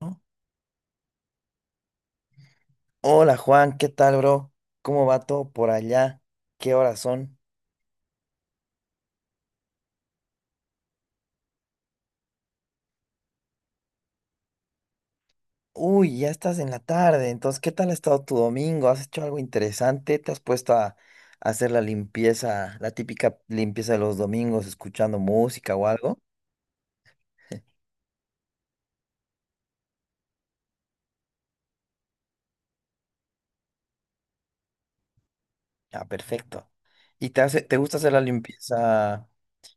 ¿No? Hola Juan, ¿qué tal, bro? ¿Cómo va todo por allá? ¿Qué horas son? Uy, ya estás en la tarde, entonces, ¿qué tal ha estado tu domingo? ¿Has hecho algo interesante? ¿Te has puesto a hacer la limpieza, la típica limpieza de los domingos, escuchando música o algo? Ah, perfecto. ¿Y te gusta hacer la limpieza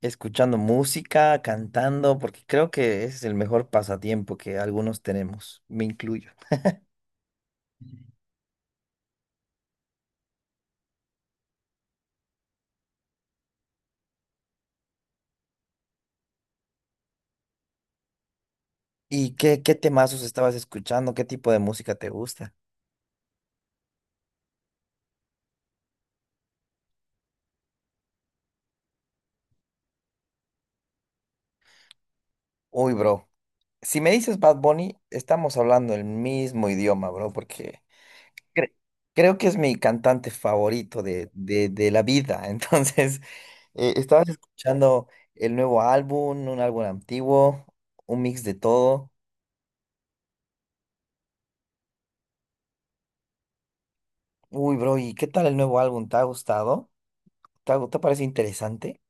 escuchando música, cantando? Porque creo que ese es el mejor pasatiempo que algunos tenemos, me incluyo. ¿Y qué temazos estabas escuchando? ¿Qué tipo de música te gusta? Uy, bro. Si me dices Bad Bunny, estamos hablando el mismo idioma, bro, porque cre- creo que es mi cantante favorito de la vida. Entonces, estabas escuchando el nuevo álbum, un álbum antiguo, un mix de todo. Uy, bro, ¿y qué tal el nuevo álbum? ¿Te ha gustado? ¿ Te parece interesante?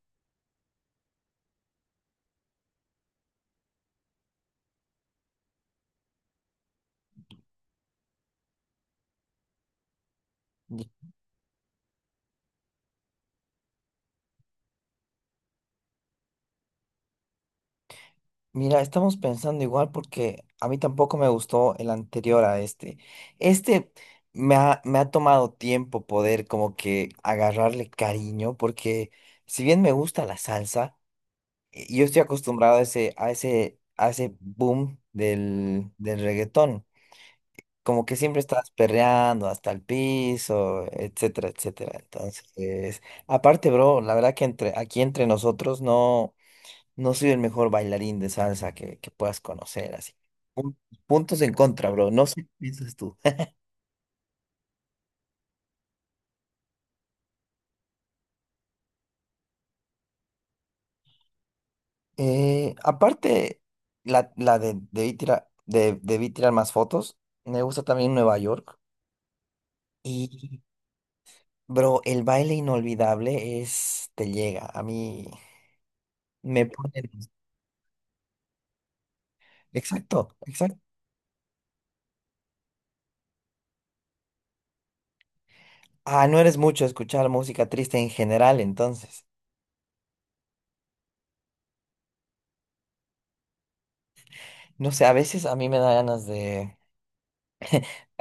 Mira, estamos pensando igual porque a mí tampoco me gustó el anterior a este. Este me ha tomado tiempo poder como que agarrarle cariño porque si bien me gusta la salsa, yo estoy acostumbrado a ese boom del reggaetón. Como que siempre estás perreando hasta el piso, etcétera, etcétera. Entonces, aparte, bro, la verdad que aquí entre nosotros no. No soy el mejor bailarín de salsa que puedas conocer, así. Pun- Puntos en contra, bro. No sé qué piensas tú. Aparte, la de debí tirar, debí tirar más fotos. Me gusta también Nueva York. Y, bro, el baile inolvidable es, te llega. A mí me pone... Exacto, exacto. Ah, no eres mucho de escuchar música triste en general, entonces. No sé, a veces a mí me da ganas de...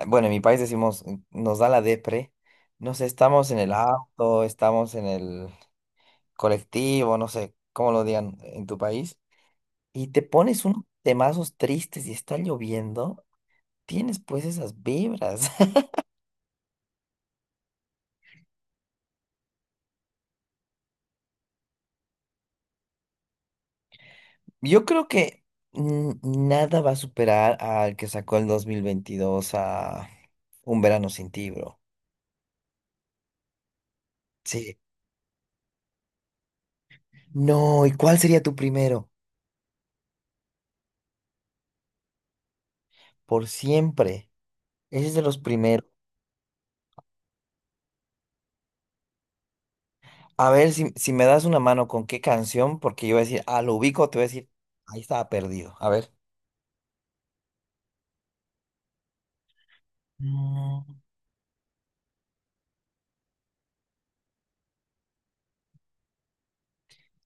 Bueno, en mi país decimos, nos da la depre. No sé, estamos en el auto, estamos en el colectivo, no sé cómo lo digan en tu país. Y te pones unos temazos tristes y está lloviendo, tienes pues esas vibras. Yo creo que mm, nada va a superar al que sacó el 2022, a Un verano sin ti, bro. Sí. No, ¿y cuál sería tu primero? Por siempre. Ese es de los primeros. A ver si, si me das una mano con qué canción, porque yo voy a decir, ah, lo ubico, te voy a decir, ahí estaba perdido. A ver, Mm,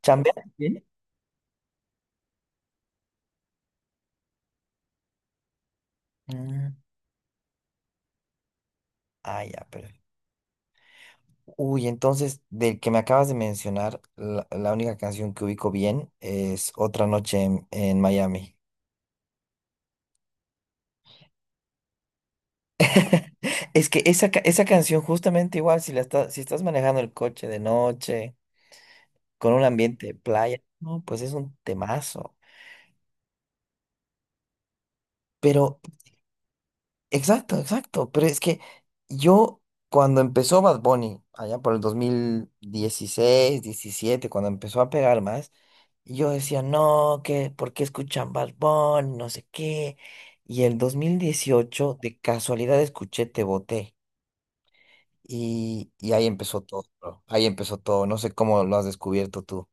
¿chambea? ¿Bien? Mm, Ah, ya, pero. Uy, entonces, del que me acabas de mencionar, la única canción que ubico bien es Otra noche en Miami. Es que esa, esa canción, justamente igual, si estás manejando el coche de noche, con un ambiente de playa, no, pues es un temazo. Pero exacto, exacto. Pero es que yo, cuando empezó Bad Bunny, allá por el 2016, 17, cuando empezó a pegar más, yo decía, no, que, ¿por qué escuchan Bad Bunny? No sé qué. Y el 2018 de casualidad, escuché Te Boté. Y ahí empezó todo, bro. Ahí empezó todo. No sé cómo lo has descubierto tú.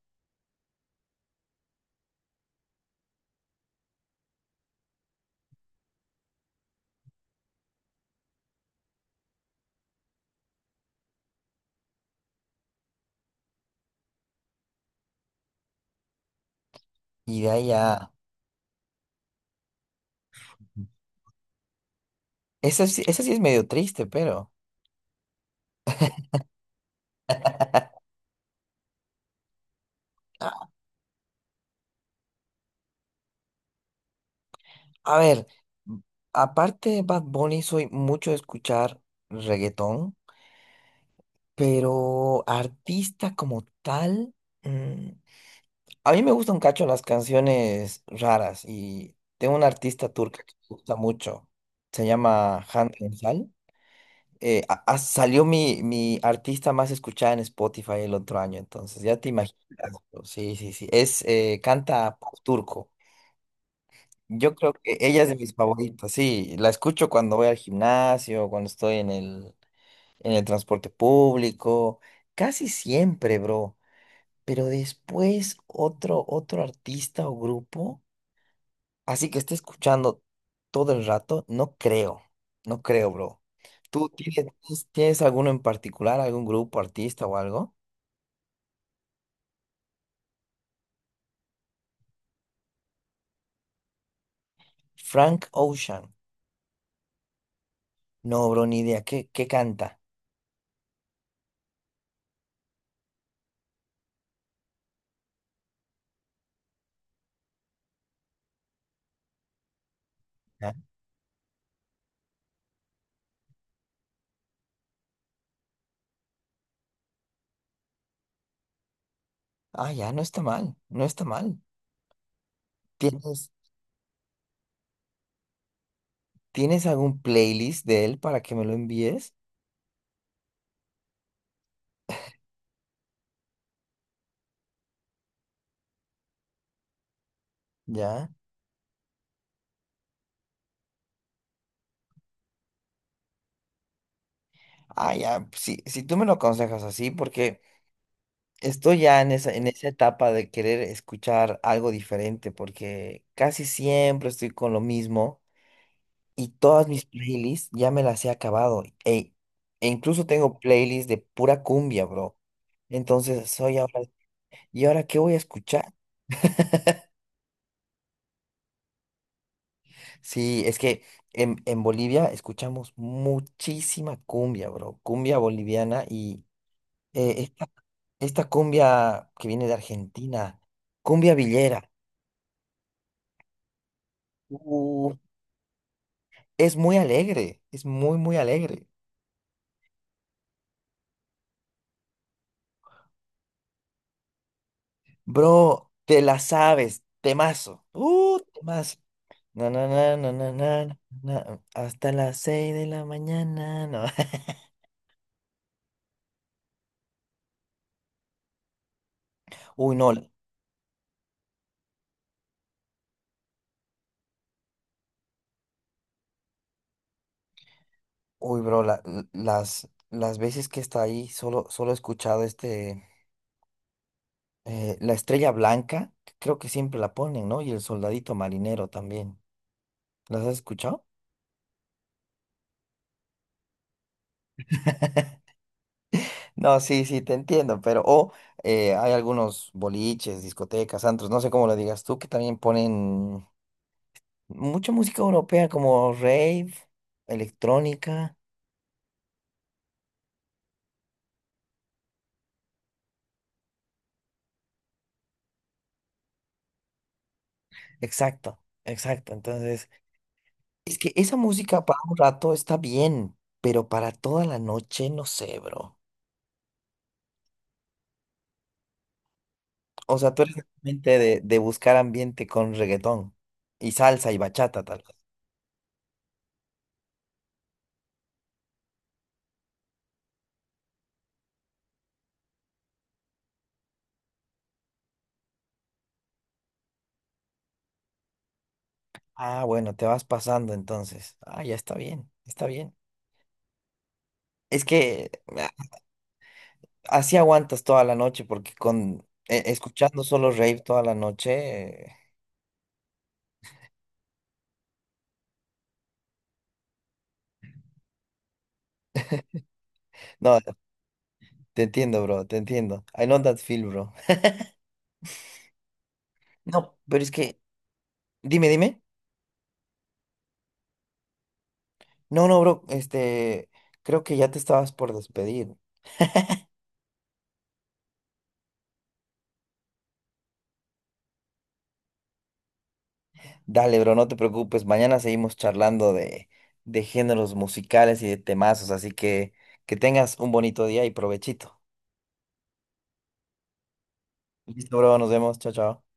Y de ahí ya. Ese sí es medio triste, pero... A ver, aparte de Bad Bunny, soy mucho de escuchar reggaetón, pero artista como tal, mm, a mí me gustan un cacho las canciones raras y tengo una artista turca que me gusta mucho, se llama Hande Ünsal. Salió mi artista más escuchada en Spotify el otro año, entonces ya te imaginas. Sí, sí, sí. Es, canta pop turco. Yo creo que ella es de mis favoritas, sí. La escucho cuando voy al gimnasio, cuando estoy en el transporte público, casi siempre, bro. Pero después otro artista o grupo, así que esté escuchando todo el rato, no creo, no creo, bro. ¿Tú tienes alguno en particular, algún grupo, artista o algo? Frank Ocean. No, bro, ni idea. ¿Qué, qué canta? ¿Ah? Ah, ya, no está mal, no está mal. ¿Tienes? ¿Tienes algún playlist de él para que me lo envíes? ¿Ya? Ah, ya, si, si tú me lo aconsejas así, porque estoy ya en esa etapa de querer escuchar algo diferente, porque casi siempre estoy con lo mismo y todas mis playlists ya me las he acabado. E incluso tengo playlists de pura cumbia, bro. Entonces soy ahora, ¿y ahora qué voy a escuchar? Sí, es que en Bolivia escuchamos muchísima cumbia, bro, cumbia boliviana y eh, esta, esta cumbia que viene de Argentina, cumbia villera, uh, es muy alegre, es muy, muy alegre. Bro, te la sabes, temazo, temazo. Na, na, na, na, na, na, na, hasta las 6 de la mañana, no. Uy, no, uy, bro, las veces que está ahí, solo, solo he escuchado este, la estrella blanca, que creo que siempre la ponen, ¿no? Y el soldadito marinero también. ¿Las has escuchado? No, sí, sí, te entiendo, pero o hay algunos boliches, discotecas, antros, no sé cómo lo digas tú, que también ponen mucha música europea como rave, electrónica. Exacto, exacto. Entonces, es que esa música para un rato está bien, pero para toda la noche no sé, bro. O sea, tú eres realmente de buscar ambiente con reggaetón y salsa y bachata, tal vez. Ah, bueno, te vas pasando entonces. Ah, ya está bien, está bien. Es que así aguantas toda la noche porque con escuchando solo rave toda la noche. No, te entiendo, bro, te entiendo. I know that feel, bro. No, pero es que, dime, dime. No, no, bro, este, creo que ya te estabas por despedir. Dale, bro, no te preocupes. Mañana seguimos charlando de géneros musicales y de temazos, así que tengas un bonito día y provechito. Listo, bro, nos vemos. Chao, chao.